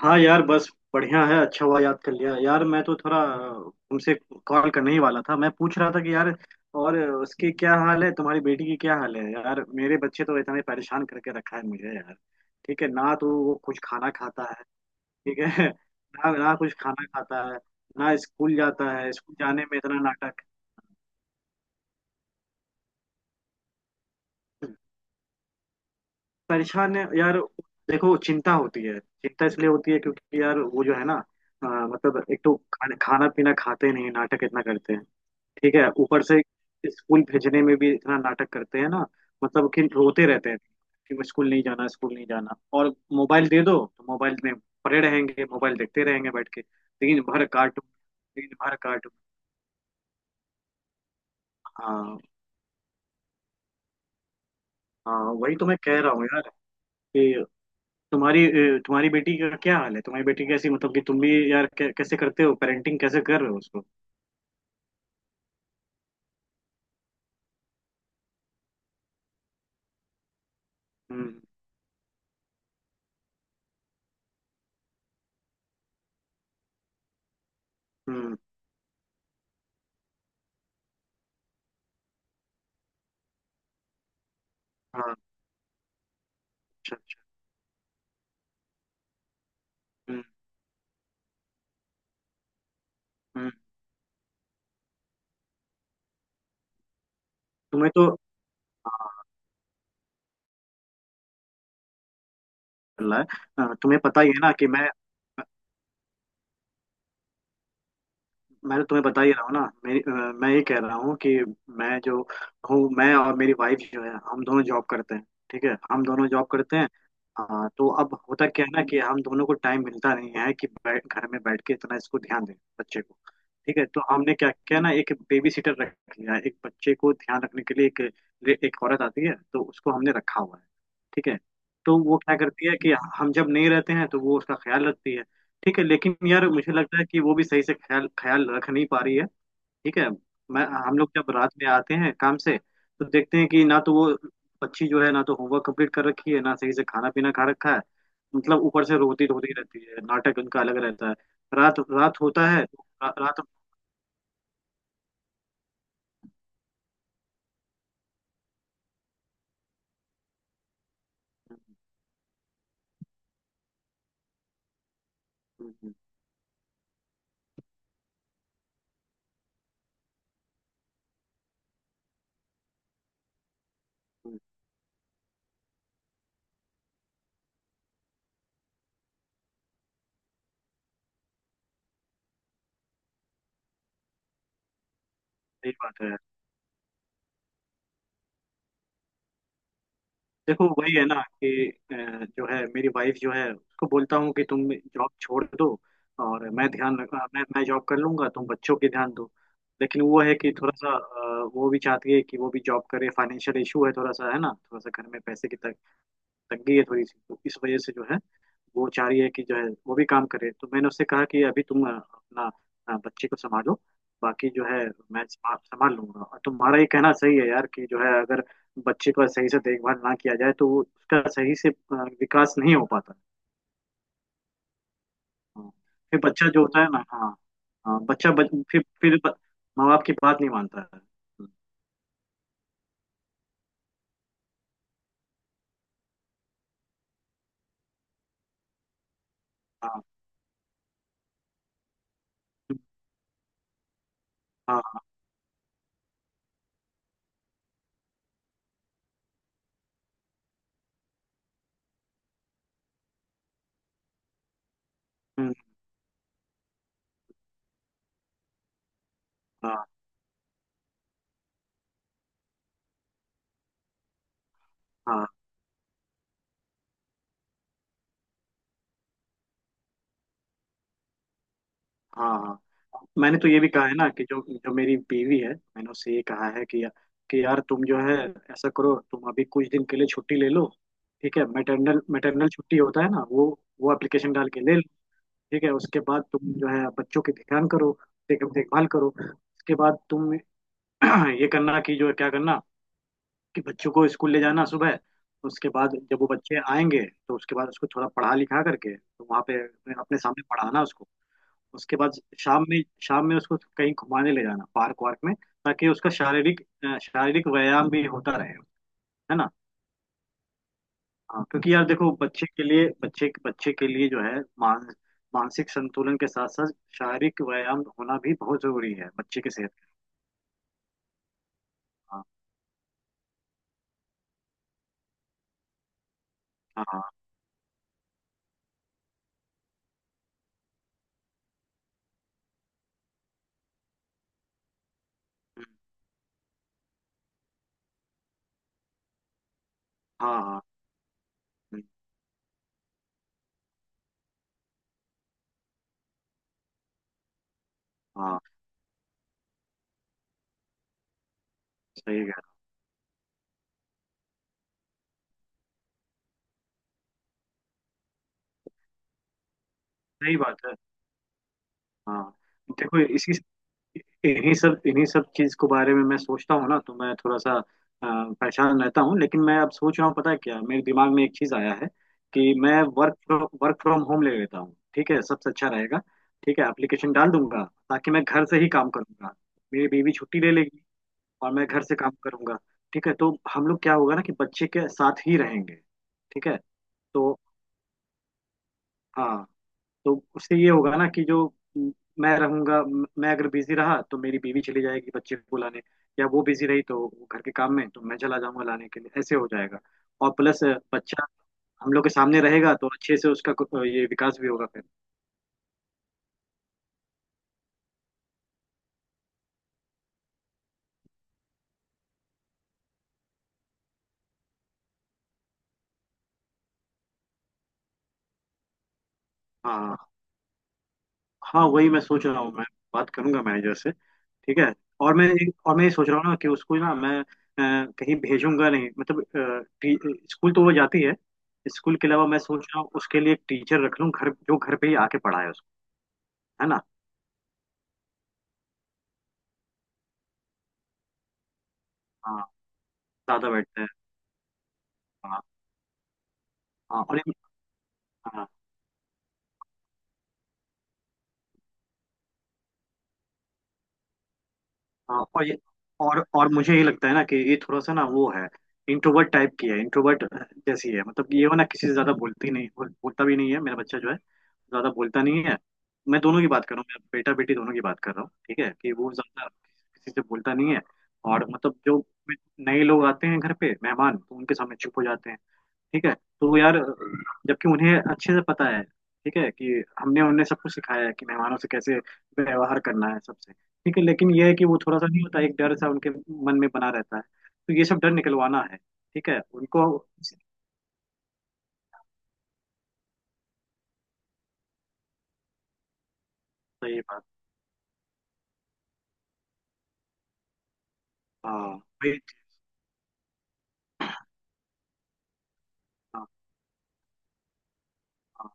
हाँ यार बस बढ़िया है। अच्छा हुआ याद कर लिया यार। मैं तो थोड़ा तुमसे कॉल करने ही वाला था। मैं पूछ रहा था कि यार और उसकी क्या हाल है, तुम्हारी बेटी की क्या हाल है? यार मेरे बच्चे तो इतने परेशान करके रखा है मुझे यार। ठीक है ना, तो वो कुछ खाना खाता है ठीक है ना? ना कुछ खाना खाता है, ना स्कूल जाता है। स्कूल जाने में इतना नाटक। परेशान है यार। देखो चिंता होती है, चिंता इसलिए होती है क्योंकि यार वो जो है ना, मतलब एक तो खाना खाना पीना खाते नहीं, नाटक इतना करते हैं। ठीक है, ऊपर से स्कूल भेजने में भी इतना नाटक करते हैं ना। मतलब कि रोते रहते हैं कि मैं स्कूल नहीं जाना, स्कूल नहीं जाना। और मोबाइल दे दो तो मोबाइल में पड़े रहेंगे, मोबाइल देखते रहेंगे बैठ के, लेकिन भर कार्टून। लेकिन भर कार्टून। हाँ। हाँ वही तो मैं कह रहा हूँ यार। कि तुम्हारी तुम्हारी बेटी का क्या हाल है? तुम्हारी बेटी कैसी? मतलब कि तुम भी यार कैसे करते हो पेरेंटिंग, कैसे कर रहे हो उसको? हम्म हम्म हाँ, अच्छा अच्छा। हम्म हम्म तुम्हें तो हाँ, अल्लाह है। तुम्हें पता ही है ना कि मैं तो तुम्हें बता ही रहा हूँ ना। मेरी मैं ये कह रहा हूँ कि मैं जो हूँ मैं और मेरी वाइफ जो है, हम दोनों जॉब करते हैं। ठीक है, हम दोनों जॉब करते हैं। हाँ, तो अब होता क्या है ना कि हम दोनों को टाइम मिलता नहीं है कि बैठ घर में बैठ के इतना इसको ध्यान दें बच्चे को। ठीक है, तो हमने क्या किया ना, एक बेबी सिटर रख लिया है। एक बच्चे को ध्यान रखने के लिए एक एक औरत आती है, तो उसको हमने रखा हुआ है। ठीक है, तो वो क्या करती है कि हम जब नहीं रहते हैं तो वो उसका ख्याल रखती है। ठीक है, लेकिन यार मुझे लगता है कि वो भी सही से ख्याल ख्याल रख नहीं पा रही है। ठीक है, मैं हम लोग जब रात में आते हैं काम से, तो देखते हैं कि ना तो वो बच्ची जो है ना तो होमवर्क कंप्लीट कर रखी है, ना सही से खाना पीना खा रखा है। मतलब ऊपर से रोती रोती रहती है, नाटक उनका अलग रहता है। रात रात होता है तो रात। हम्म, हम्म, हम्म, हम्म, सही बात है। देखो वही है ना कि जो है मेरी वाइफ जो है उसको बोलता हूँ कि तुम जॉब छोड़ दो, और मैं ध्यान रख, मैं जॉब कर लूंगा, तुम बच्चों पे ध्यान दो। लेकिन वो है कि थोड़ा सा वो भी चाहती है कि वो भी जॉब करे। फाइनेंशियल इशू है, थोड़ा सा है ना, थोड़ा सा घर में पैसे की तंगी है थोड़ी सी। तो इस वजह से जो है वो चाह रही है कि जो है वो भी काम करे। तो मैंने उससे कहा कि अभी तुम अपना बच्चे को संभालो, बाकी जो है मैं संभाल लूंगा। और तुम्हारा ये कहना सही है यार कि जो है, अगर बच्चे का सही से देखभाल ना किया जाए तो वो उसका सही से विकास नहीं हो पाता। हाँ। फिर बच्चा जो होता है ना, हाँ हाँ, बच्चा बच, फिर ब- माँ बाप की बात नहीं मानता है। हाँ हाँ हाँ, हाँ हाँ हाँ हाँ। मैंने तो ये भी कहा है ना कि जो जो मेरी बीवी है, मैंने उससे ये कहा है कि यार तुम जो है ऐसा करो, तुम अभी कुछ दिन के लिए छुट्टी ले लो। ठीक है, मैटरनल मैटरनल छुट्टी होता है ना वो एप्लीकेशन डाल के ले लो। ठीक है, उसके बाद तुम जो है बच्चों की ध्यान करो, देखभाल करो। उसके बाद तुम ये करना कि जो है, क्या करना कि बच्चों को स्कूल ले जाना सुबह। उसके बाद जब वो बच्चे आएंगे तो उसके बाद उसको थोड़ा पढ़ा लिखा करके तो वहाँ पे अपने अपने सामने पढ़ाना उसको। उसके बाद शाम में उसको कहीं घुमाने ले जाना, पार्क वार्क में, ताकि उसका शारीरिक शारीरिक व्यायाम भी होता रहे। है ना। हाँ क्योंकि यार देखो बच्चे के लिए, बच्चे बच्चे के लिए जो है मानसिक संतुलन के साथ साथ शारीरिक व्यायाम होना भी बहुत जरूरी है बच्चे के सेहत के लिए। हाँ हाँ हाँ, हाँ हाँ, हाँ, सही कह रहे हो। सही बात है। हाँ देखो इसी इन्हीं सब, इन्हीं सब चीज के बारे में मैं सोचता हूँ ना तो मैं थोड़ा सा परेशान रहता हूँ। लेकिन मैं अब सोच रहा हूँ, पता है क्या, मेरे दिमाग में एक चीज आया है कि मैं वर्क वर्क फ्रॉम होम ले लेता हूँ। ठीक है, सबसे अच्छा रहेगा। ठीक है, एप्लीकेशन डाल दूंगा ताकि मैं घर से ही काम करूंगा। मेरी बीवी छुट्टी ले लेगी और मैं घर से काम करूंगा। ठीक है, तो हम लोग क्या होगा ना कि बच्चे के साथ ही रहेंगे। ठीक है तो, हाँ तो उससे ये होगा ना कि म, मैं रहूंगा, मैं अगर बिजी रहा तो मेरी बीवी चली जाएगी बच्चे को लाने, या वो बिजी रही तो घर के काम में तो मैं चला जाऊंगा लाने के लिए, ऐसे हो जाएगा। और प्लस बच्चा हम लोग के सामने रहेगा तो अच्छे से उसका ये विकास भी होगा फिर। हाँ हाँ वही मैं सोच रहा हूँ, मैं बात करूंगा मैनेजर से। ठीक है, और मैं, और मैं ये सोच रहा हूँ ना कि उसको ना मैं कहीं भेजूंगा नहीं। मतलब स्कूल तो वो जाती है, स्कूल के अलावा मैं सोच रहा हूँ उसके लिए एक टीचर रख लूँ घर, जो घर पे ही आके पढ़ाए। है ना। हाँ ज्यादा बैठते हैं। हाँ हाँ और ये, हाँ हाँ और ये, और मुझे ये लगता है ना कि ये थोड़ा सा ना वो है इंट्रोवर्ट टाइप की है, इंट्रोवर्ट जैसी है। मतलब ये वो ना किसी से ज्यादा बोलती नहीं, बोलता भी नहीं है मेरा बच्चा जो है, ज्यादा बोलता नहीं है। मैं दोनों की बात कर रहा हूँ, मेरा बेटा बेटी दोनों की बात कर रहा हूँ। ठीक है, कि वो ज्यादा किसी से बोलता नहीं है। और मतलब जो नए लोग आते हैं घर पे मेहमान, तो उनके सामने चुप हो जाते हैं। ठीक है, तो यार जबकि उन्हें अच्छे से पता है ठीक है कि हमने उन्हें सब कुछ सिखाया है कि मेहमानों से कैसे व्यवहार करना है सबसे। ठीक है, लेकिन यह है कि वो थोड़ा सा नहीं होता, एक डर सा उनके मन में बना रहता है। तो ये सब डर निकलवाना है, ठीक है उनको। सही बात। हाँ वही- हाँ हाँ,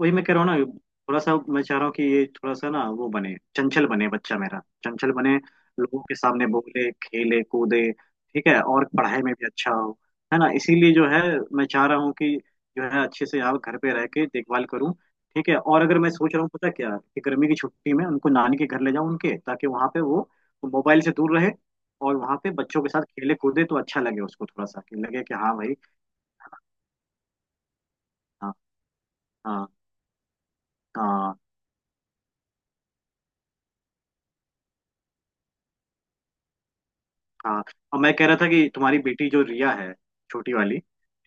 वही मैं कह रहा हूँ ना। थोड़ा सा मैं चाह रहा हूँ कि ये थोड़ा सा ना वो बने, चंचल बने बच्चा मेरा, चंचल बने, लोगों के सामने बोले खेले कूदे, ठीक है, और पढ़ाई में भी अच्छा हो। है ना, इसीलिए जो है मैं चाह रहा हूँ कि जो है अच्छे से यहाँ घर पे रह के देखभाल करूँ। ठीक है, और अगर मैं सोच रहा हूँ, पता क्या, कि गर्मी की छुट्टी में उनको नानी के घर ले जाऊँ उनके, ताकि वहाँ पे वो मोबाइल से दूर रहे, और वहाँ पे बच्चों के साथ खेले कूदे तो अच्छा लगे उसको थोड़ा सा, कि लगे कि हाँ भाई। हाँ हाँ, हाँ हाँ। और मैं कह रहा था कि तुम्हारी बेटी जो रिया है, छोटी वाली,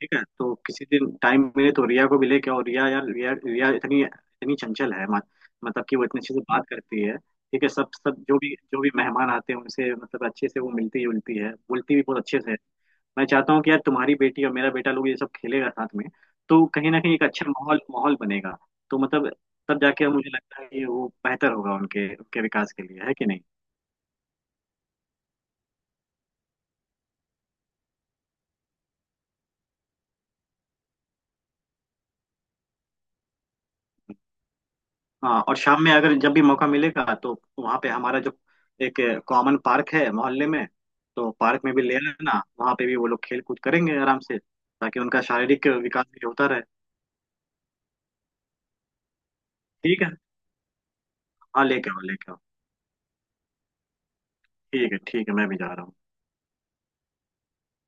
ठीक है, तो किसी दिन टाइम मिले तो रिया को भी लेके आओ। रिया यार, रिया रिया इतनी इतनी चंचल है, मत, मतलब कि वो इतने अच्छे से बात करती है। ठीक है, सब सब जो भी मेहमान आते हैं उनसे मतलब अच्छे से वो मिलती जुलती है, बोलती भी बहुत अच्छे से है। मैं चाहता हूँ कि यार तुम्हारी बेटी और मेरा बेटा लोग ये सब खेलेगा साथ में, तो कहीं ना कहीं एक अच्छा माहौल माहौल बनेगा। तो मतलब तब जाके मुझे लगता है कि वो बेहतर होगा उनके, उनके विकास के लिए, है कि नहीं। हाँ और शाम में अगर जब भी मौका मिलेगा तो वहाँ पे हमारा जो एक कॉमन पार्क है मोहल्ले में, तो पार्क में भी ले लेना, वहाँ पे भी वो लोग खेल कूद करेंगे आराम से, ताकि उनका शारीरिक विकास भी होता रहे। ठीक है, हाँ लेके आओ लेके आओ। ठीक है ठीक है, मैं भी जा रहा हूँ।